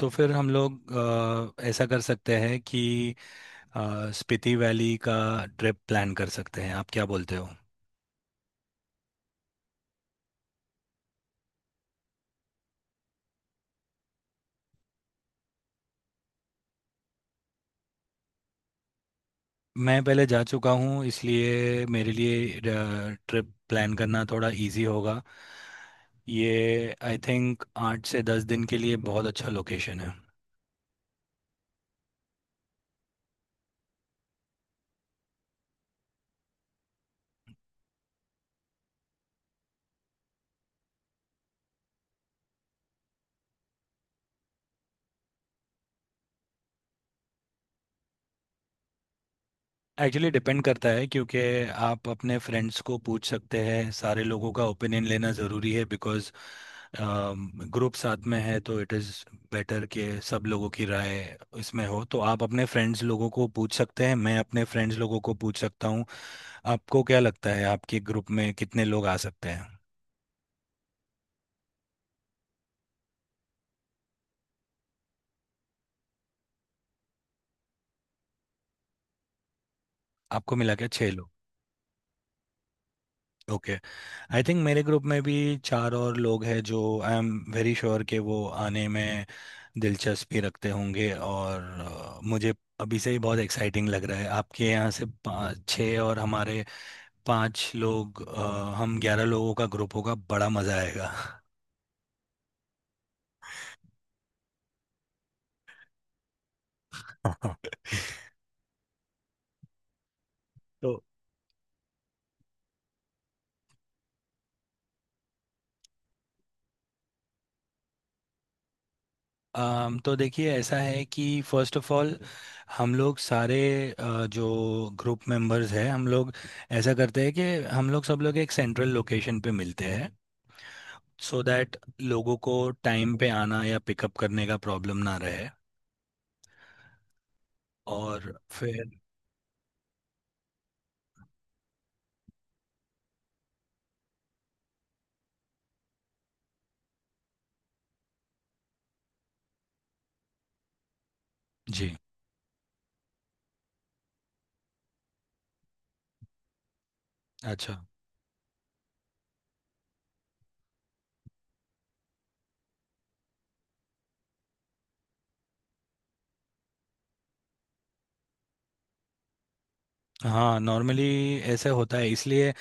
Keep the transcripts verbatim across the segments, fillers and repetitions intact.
तो फिर हम लोग अ, ऐसा कर सकते हैं कि अ, स्पीति वैली का ट्रिप प्लान कर सकते हैं। आप क्या बोलते हो? मैं पहले जा चुका हूँ, इसलिए मेरे लिए ट्रिप प्लान करना थोड़ा इजी होगा। ये आई थिंक आठ से दस दिन के लिए बहुत अच्छा लोकेशन है। एक्चुअली डिपेंड करता है, क्योंकि आप अपने फ्रेंड्स को पूछ सकते हैं। सारे लोगों का ओपिनियन लेना ज़रूरी है बिकॉज़ ग्रुप साथ में है, तो इट इज़ बेटर कि सब लोगों की राय इसमें हो। तो आप अपने फ्रेंड्स लोगों को पूछ सकते हैं, मैं अपने फ्रेंड्स लोगों को पूछ सकता हूँ। आपको क्या लगता है आपके ग्रुप में कितने लोग आ सकते हैं? आपको मिला के छः लोग। Okay. आई थिंक मेरे ग्रुप में भी चार और लोग हैं जो आई एम वेरी श्योर कि वो आने में दिलचस्पी रखते होंगे। और अ, मुझे अभी से ही बहुत एक्साइटिंग लग रहा है। आपके यहाँ से पाँच छः और हमारे पाँच लोग, अ, हम ग्यारह लोगों का ग्रुप होगा, बड़ा मज़ा आएगा। तो अम, तो देखिए, ऐसा है कि फर्स्ट ऑफ ऑल हम लोग सारे अ, जो ग्रुप मेंबर्स हैं, हम लोग ऐसा करते हैं कि हम लोग सब लोग एक सेंट्रल लोकेशन पे मिलते हैं, सो दैट लोगों को टाइम पे आना या पिकअप करने का प्रॉब्लम ना रहे। और फिर जी। अच्छा। हाँ, नॉर्मली ऐसे होता है, इसलिए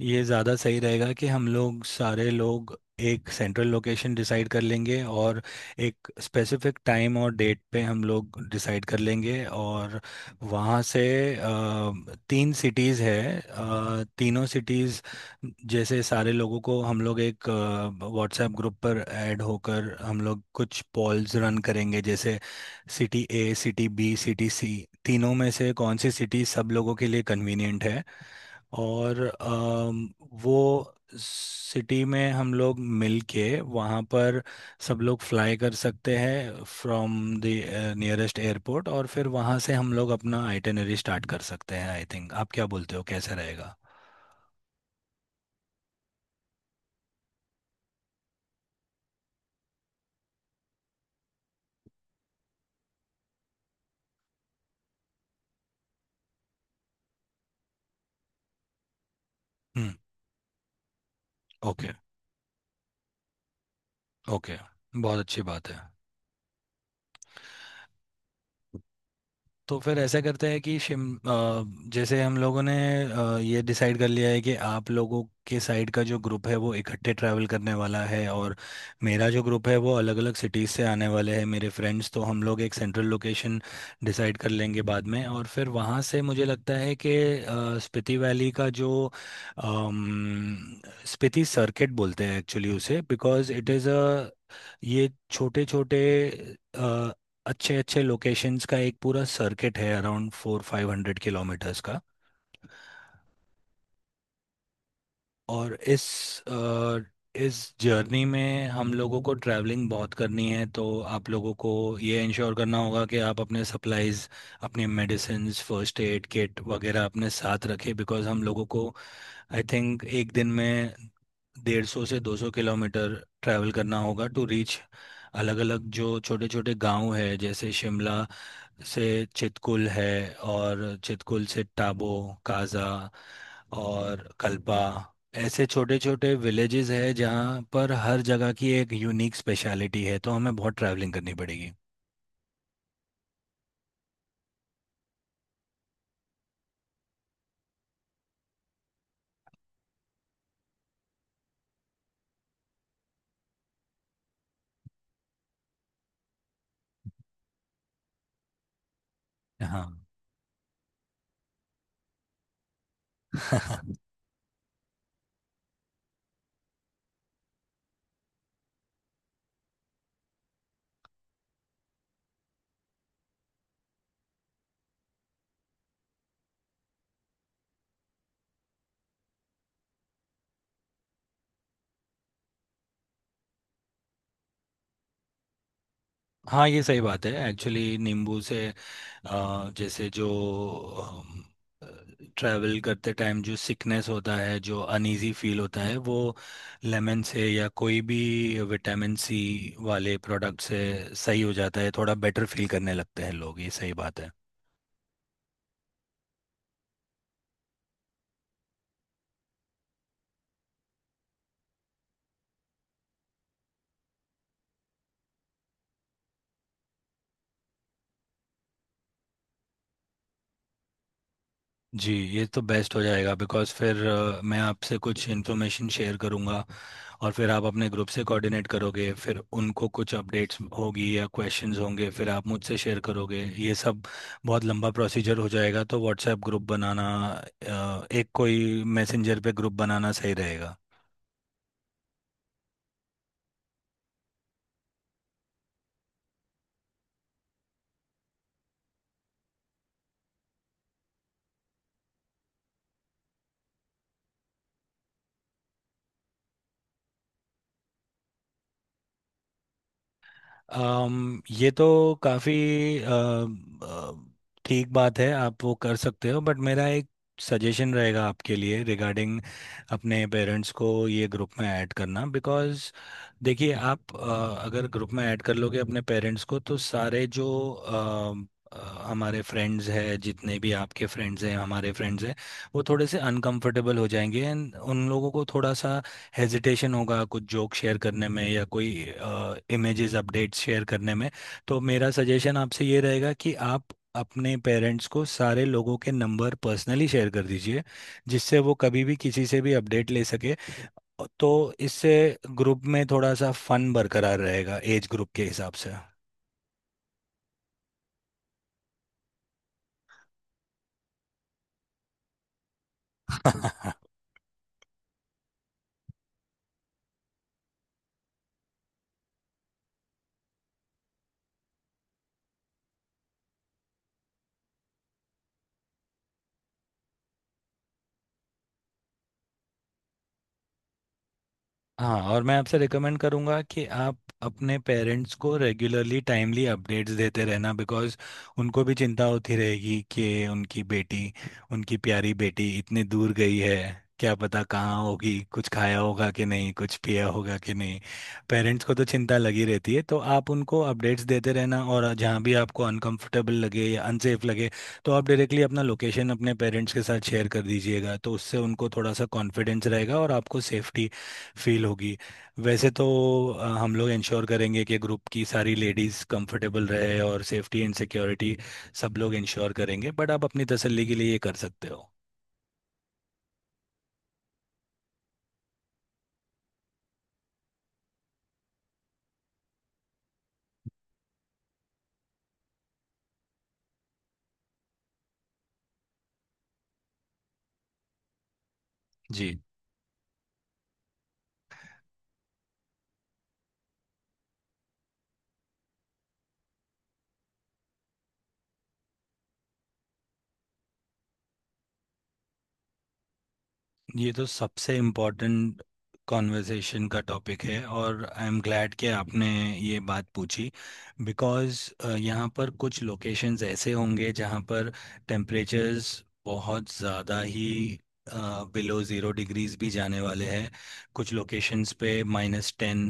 ये ज़्यादा सही रहेगा कि हम लोग सारे लोग एक सेंट्रल लोकेशन डिसाइड कर लेंगे, और एक स्पेसिफिक टाइम और डेट पे हम लोग डिसाइड कर लेंगे। और वहाँ से अ, तीन सिटीज़ है, अ, तीनों सिटीज़ जैसे सारे लोगों को हम लोग एक व्हाट्सएप ग्रुप पर ऐड होकर हम लोग कुछ पॉल्स रन करेंगे, जैसे city A, city B, city C, तीनों में से कौन सी सिटी सब लोगों के लिए कन्वीनियंट है। और अम, वो सिटी में हम लोग मिल के वहाँ पर सब लोग फ्लाई कर सकते हैं फ्रॉम द नियरेस्ट एयरपोर्ट, और फिर वहाँ से हम लोग अपना आइटिनरी स्टार्ट कर सकते हैं आई थिंक। आप क्या बोलते हो, कैसे रहेगा? हम्म। ओके, ओके, बहुत अच्छी बात है। तो फिर ऐसा करते हैं कि शिम अ, जैसे हम लोगों ने अ, ये डिसाइड कर लिया है कि आप लोगों के साइड का जो ग्रुप है वो इकट्ठे ट्रैवल करने वाला है, और मेरा जो ग्रुप है वो अलग अलग सिटीज़ से आने वाले हैं मेरे फ्रेंड्स। तो हम लोग एक सेंट्रल लोकेशन डिसाइड कर लेंगे बाद में, और फिर वहाँ से मुझे लगता है कि अ, स्पीति वैली का जो अम, स्पीति सर्किट बोलते हैं एक्चुअली उसे, बिकॉज इट इज़ अ, ये छोटे छोटे अच्छे अच्छे लोकेशंस का एक पूरा सर्किट है around four five hundred kilometres का। और इस अ, इस जर्नी में हम लोगों को ट्रैवलिंग बहुत करनी है, तो आप लोगों को ये इंश्योर करना होगा कि आप अपने सप्लाइज, अपने मेडिसिन्स, फर्स्ट एड किट वगैरह अपने साथ रखें, बिकॉज़ हम लोगों को आई थिंक एक दिन में डेढ़ सौ से दो सौ किलोमीटर ट्रैवल करना होगा टू रीच अलग अलग जो छोटे छोटे गांव है, जैसे शिमला से चितकुल है, और चितकुल से टाबो, काजा, और कल्पा, ऐसे छोटे छोटे विलेजेस है जहाँ पर हर जगह की एक यूनिक स्पेशलिटी है, तो हमें बहुत ट्रैवलिंग करनी पड़ेगी। हाँ। हाँ, ये सही बात है। एक्चुअली नींबू से अ, जैसे जो ट्रैवल करते टाइम जो सिकनेस होता है, जो अनइजी फील होता है, वो लेमन से या कोई भी विटामिन सी वाले प्रोडक्ट से सही हो जाता है, थोड़ा बेटर फील करने लगते हैं लोग। ये सही बात है। जी, ये तो बेस्ट हो जाएगा बिकॉज़ फिर अ, मैं आपसे कुछ इन्फॉर्मेशन शेयर करूँगा, और फिर आप अपने ग्रुप से कोऑर्डिनेट करोगे, फिर उनको कुछ अपडेट्स होगी या क्वेश्चंस होंगे, फिर आप मुझसे शेयर करोगे, ये सब बहुत लंबा प्रोसीजर हो जाएगा। तो व्हाट्सएप ग्रुप बनाना, अ, एक कोई मैसेंजर पे ग्रुप बनाना सही रहेगा। अम, ये तो काफ़ी ठीक बात है, आप वो कर सकते हो, बट मेरा एक सजेशन रहेगा आपके लिए रिगार्डिंग अपने पेरेंट्स को ये ग्रुप में ऐड करना, बिकॉज़ देखिए, आप अ, अगर ग्रुप में ऐड कर लोगे अपने पेरेंट्स को तो सारे जो अम, अ, हमारे फ्रेंड्स हैं, जितने भी आपके फ्रेंड्स हैं, हमारे फ्रेंड्स हैं, वो थोड़े से अनकंफर्टेबल हो जाएंगे, एंड उन लोगों को थोड़ा सा हेजिटेशन होगा कुछ जोक शेयर करने में या कोई इमेजेस, अपडेट्स शेयर करने में। तो मेरा सजेशन आपसे ये रहेगा कि आप अपने पेरेंट्स को सारे लोगों के नंबर पर्सनली शेयर कर दीजिए, जिससे वो कभी भी किसी से भी अपडेट ले सके। तो इससे ग्रुप में थोड़ा सा फन बरकरार रहेगा एज ग्रुप के हिसाब से। हाँ, और मैं आपसे रिकमेंड करूँगा कि आप अपने पेरेंट्स को रेगुलरली टाइमली अपडेट्स देते रहना, बिकॉज़ उनको भी चिंता होती रहेगी कि उनकी बेटी, उनकी प्यारी बेटी इतने दूर गई है, क्या पता कहाँ होगी, कुछ खाया होगा कि नहीं, कुछ पिया होगा कि नहीं। पेरेंट्स को तो चिंता लगी रहती है, तो आप उनको अपडेट्स देते रहना, और जहाँ भी आपको अनकंफर्टेबल लगे या अनसेफ लगे, तो आप डायरेक्टली अपना लोकेशन अपने पेरेंट्स के साथ शेयर कर दीजिएगा, तो उससे उनको थोड़ा सा कॉन्फिडेंस रहेगा और आपको सेफ्टी फील होगी। वैसे तो अ, हम लोग इंश्योर करेंगे कि ग्रुप की सारी लेडीज़ कंफर्टेबल रहे और सेफ्टी एंड सिक्योरिटी सब लोग इंश्योर करेंगे, बट आप अपनी तसल्ली के लिए ये कर सकते हो। जी, ये तो सबसे इम्पोर्टेंट कॉन्वर्सेशन का टॉपिक है, और आई एम ग्लैड कि आपने ये बात पूछी, बिकॉज़ यहाँ पर कुछ लोकेशंस ऐसे होंगे जहाँ पर टेम्परेचर्स बहुत ज़्यादा ही बिलो ज़ीरो डिग्रीज भी जाने वाले हैं। कुछ लोकेशंस पे minus ten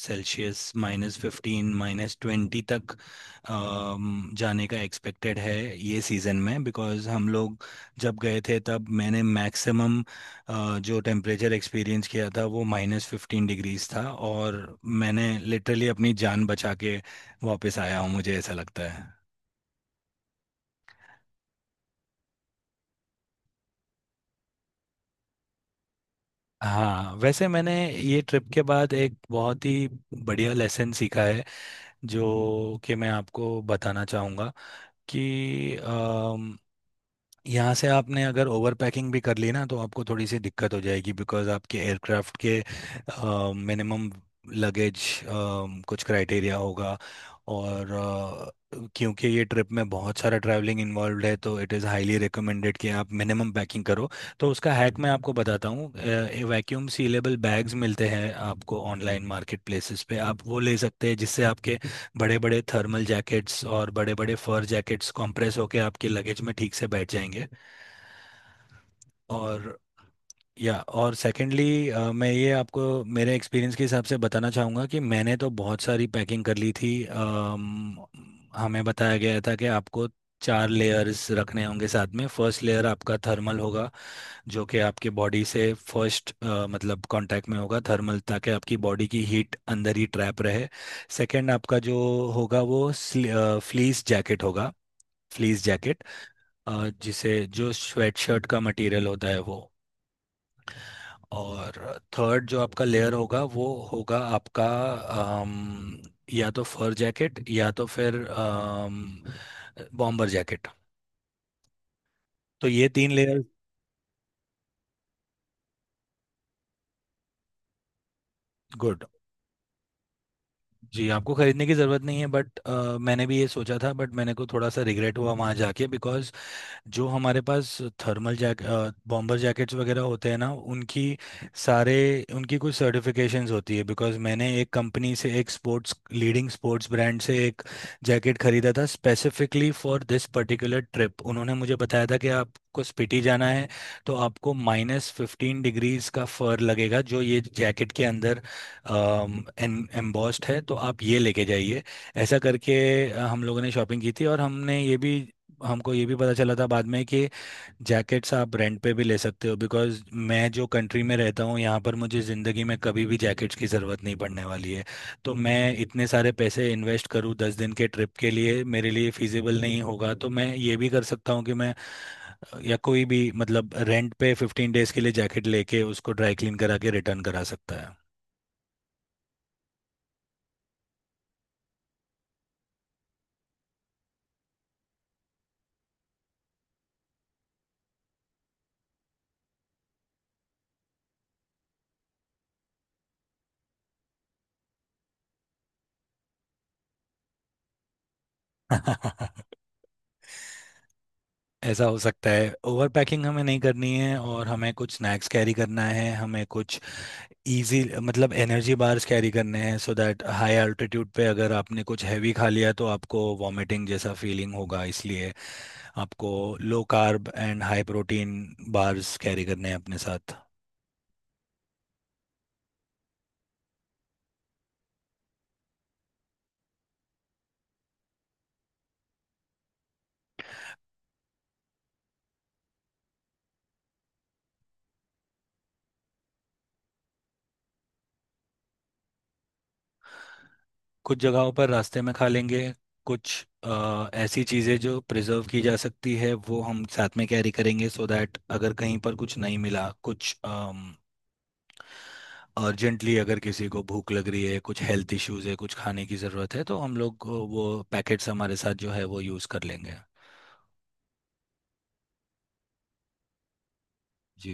Celsius, minus fifteen, minus twenty तक अम, जाने का एक्सपेक्टेड है। ये सीज़न में बिकॉज़ हम लोग जब गए थे, तब मैंने मैक्सिमम अ, जो टेम्परेचर एक्सपीरियंस किया था, वो माइनस फिफ्टीन डिग्रीज था। और मैंने लिटरली अपनी जान बचा के वापस आया हूँ, मुझे ऐसा लगता है। हाँ, वैसे मैंने ये ट्रिप के बाद एक बहुत ही बढ़िया लेसन सीखा है, जो कि मैं आपको बताना चाहूँगा, कि यहाँ से आपने अगर ओवर पैकिंग भी कर ली ना, तो आपको थोड़ी सी दिक्कत हो जाएगी, बिकॉज आपके एयरक्राफ्ट के मिनिमम लगेज कुछ क्राइटेरिया होगा। और अ, क्योंकि ये ट्रिप में बहुत सारा ट्रैवलिंग इन्वॉल्व है, तो इट इज़ हाईली रिकमेंडेड कि आप मिनिमम पैकिंग करो। तो उसका हैक मैं आपको बताता हूँ। वैक्यूम सीलेबल बैग्स मिलते हैं आपको ऑनलाइन मार्केट प्लेसेस पे, आप वो ले सकते हैं, जिससे आपके बड़े बड़े थर्मल जैकेट्स और बड़े बड़े फर जैकेट्स कंप्रेस होके आपके लगेज में ठीक से बैठ जाएंगे। और या और सेकेंडली मैं ये आपको मेरे एक्सपीरियंस के हिसाब से बताना चाहूँगा, कि मैंने तो बहुत सारी पैकिंग कर ली थी। अम, हमें बताया गया था कि आपको चार लेयर्स रखने होंगे साथ में। फर्स्ट लेयर आपका थर्मल होगा, जो कि आपकी बॉडी से फर्स्ट मतलब कांटेक्ट में होगा, थर्मल, ताकि आपकी बॉडी की हीट अंदर ही ट्रैप रहे। सेकंड आपका जो होगा वो फ्लीस जैकेट होगा, फ्लीस जैकेट, जिसे जो स्वेट शर्ट का मटेरियल होता है वो। और थर्ड जो आपका लेयर होगा वो होगा आपका अम, या तो फर जैकेट, या तो फिर बॉम्बर जैकेट। तो ये तीन लेयर। गुड। जी, आपको खरीदने की ज़रूरत नहीं है, बट मैंने भी ये सोचा था, बट मैंने को थोड़ा सा रिग्रेट हुआ वहाँ जाके, बिकॉज जो हमारे पास थर्मल जैक, बॉम्बर जैकेट्स वगैरह होते हैं ना, उनकी सारे उनकी कुछ सर्टिफिकेशंस होती है। बिकॉज मैंने एक कंपनी से, एक स्पोर्ट्स, लीडिंग स्पोर्ट्स ब्रांड से एक जैकेट खरीदा था specifically for this particular trip, उन्होंने मुझे बताया था कि आपको स्पीति जाना है, तो आपको माइनस फिफ्टीन डिग्रीज का फर लगेगा, जो ये जैकेट के अंदर एम्बॉस्ड है, तो आप ये लेके जाइए। ऐसा करके अ, हम लोगों ने शॉपिंग की थी, और हमने ये भी हमको ये भी पता चला था बाद में कि जैकेट्स आप रेंट पे भी ले सकते हो, बिकॉज मैं जो कंट्री में रहता हूँ यहाँ पर, मुझे ज़िंदगी में कभी भी जैकेट्स की ज़रूरत नहीं पड़ने वाली है। तो मैं इतने सारे पैसे इन्वेस्ट करूँ दस दिन के ट्रिप के लिए, मेरे लिए फिजिबल नहीं होगा, तो मैं ये भी कर सकता हूँ कि मैं अ, या कोई भी, मतलब, रेंट पे फिफ्टीन डेज के लिए जैकेट लेके उसको ड्राई क्लीन करा के रिटर्न करा सकता है। ऐसा हो सकता है। ओवर पैकिंग हमें नहीं करनी है, और हमें कुछ स्नैक्स कैरी करना है, हमें कुछ इजी, मतलब एनर्जी बार्स कैरी करने हैं, सो दैट हाई अल्टीट्यूड पे अगर आपने कुछ हैवी खा लिया तो आपको वॉमिटिंग जैसा फीलिंग होगा, इसलिए आपको low carb and high protein bars carry करने हैं अपने साथ। कुछ जगहों पर रास्ते में खा लेंगे, कुछ अ, ऐसी चीज़ें जो प्रिजर्व की जा सकती है वो हम साथ में कैरी करेंगे, सो दैट अगर कहीं पर कुछ नहीं मिला, कुछ अर्जेंटली अगर किसी को भूख लग रही है, कुछ हेल्थ इश्यूज है, कुछ खाने की ज़रूरत है, तो हम लोग को वो पैकेट्स हमारे साथ जो है वो यूज़ कर लेंगे। जी।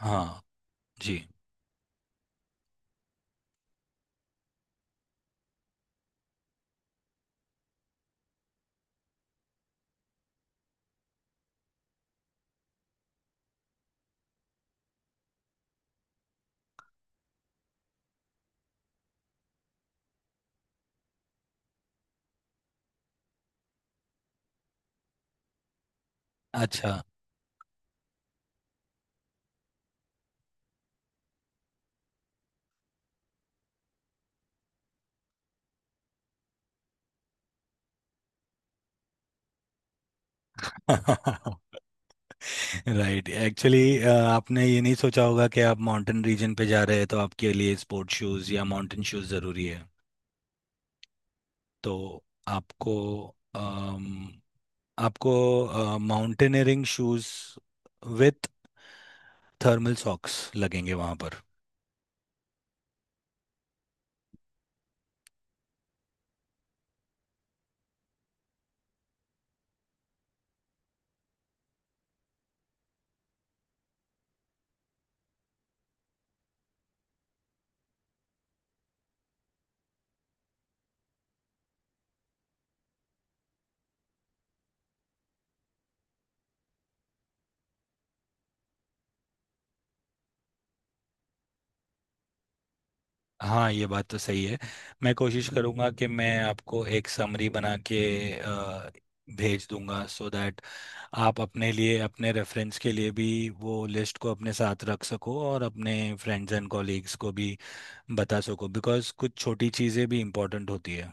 हाँ। जी। अच्छा। राइट, एक्चुअली आपने ये नहीं सोचा होगा कि आप माउंटेन रीजन पे जा रहे हैं, तो आपके लिए स्पोर्ट शूज़ या माउंटेन शूज़ ज़रूरी है। तो आपको अम, आपको mountaineering shoes with thermal socks लगेंगे वहाँ पर। हाँ, ये बात तो सही है, मैं कोशिश करूँगा कि मैं आपको एक समरी बना के अ, भेज दूंगा, सो दैट आप अपने लिए, अपने रेफरेंस के लिए भी वो लिस्ट को अपने साथ रख सको और अपने फ्रेंड्स एंड कॉलीग्स को भी बता सको, बिकॉज़ कुछ छोटी चीज़ें भी इम्पोर्टेंट होती है।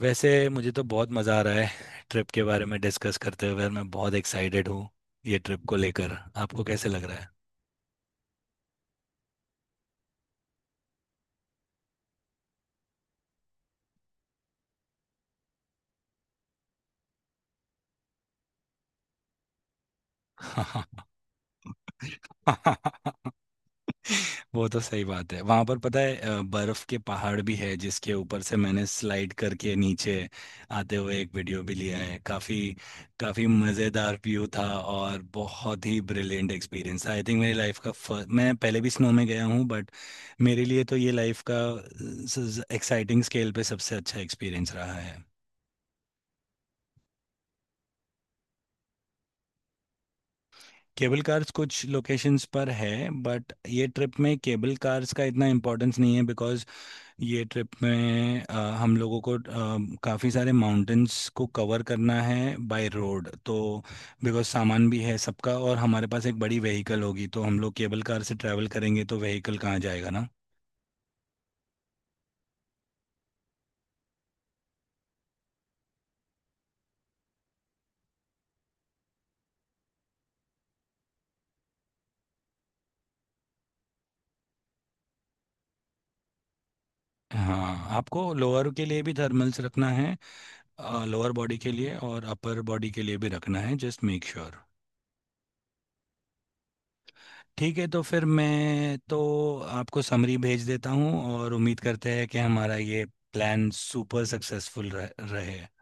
वैसे मुझे तो बहुत मज़ा आ रहा है ट्रिप के बारे में डिस्कस करते हुए, और मैं बहुत एक्साइटेड हूँ। ये ट्रिप को लेकर आपको कैसे लग रहा है? वो तो सही बात है, वहां पर पता है अ, बर्फ के पहाड़ भी है, जिसके ऊपर से मैंने स्लाइड करके नीचे आते हुए एक वीडियो भी लिया है। काफी काफी मजेदार व्यू था, और बहुत ही ब्रिलियंट एक्सपीरियंस था आई थिंक। मेरी लाइफ का फर्स्ट, मैं पहले भी स्नो में गया हूँ बट मेरे लिए तो ये लाइफ का एक्साइटिंग स्केल पे सबसे अच्छा एक्सपीरियंस रहा है। केबल कार्स कुछ लोकेशंस पर है, बट ये ट्रिप में केबल कार्स का इतना इम्पोर्टेंस नहीं है, बिकॉज ये ट्रिप में अ, हम लोगों को अ, काफ़ी सारे माउंटेन्स को कवर करना है बाय रोड, तो बिकॉज सामान भी है सबका और हमारे पास एक बड़ी व्हीकल होगी, तो हम लोग केबल कार से ट्रैवल करेंगे तो व्हीकल कहाँ जाएगा ना। हाँ, आपको लोअर के लिए भी थर्मल्स रखना है, लोअर बॉडी के लिए और अपर बॉडी के लिए भी रखना है, जस्ट मेक श्योर। ठीक है, तो फिर मैं तो आपको समरी भेज देता हूँ, और उम्मीद करते हैं कि हमारा ये प्लान सुपर सक्सेसफुल रहे।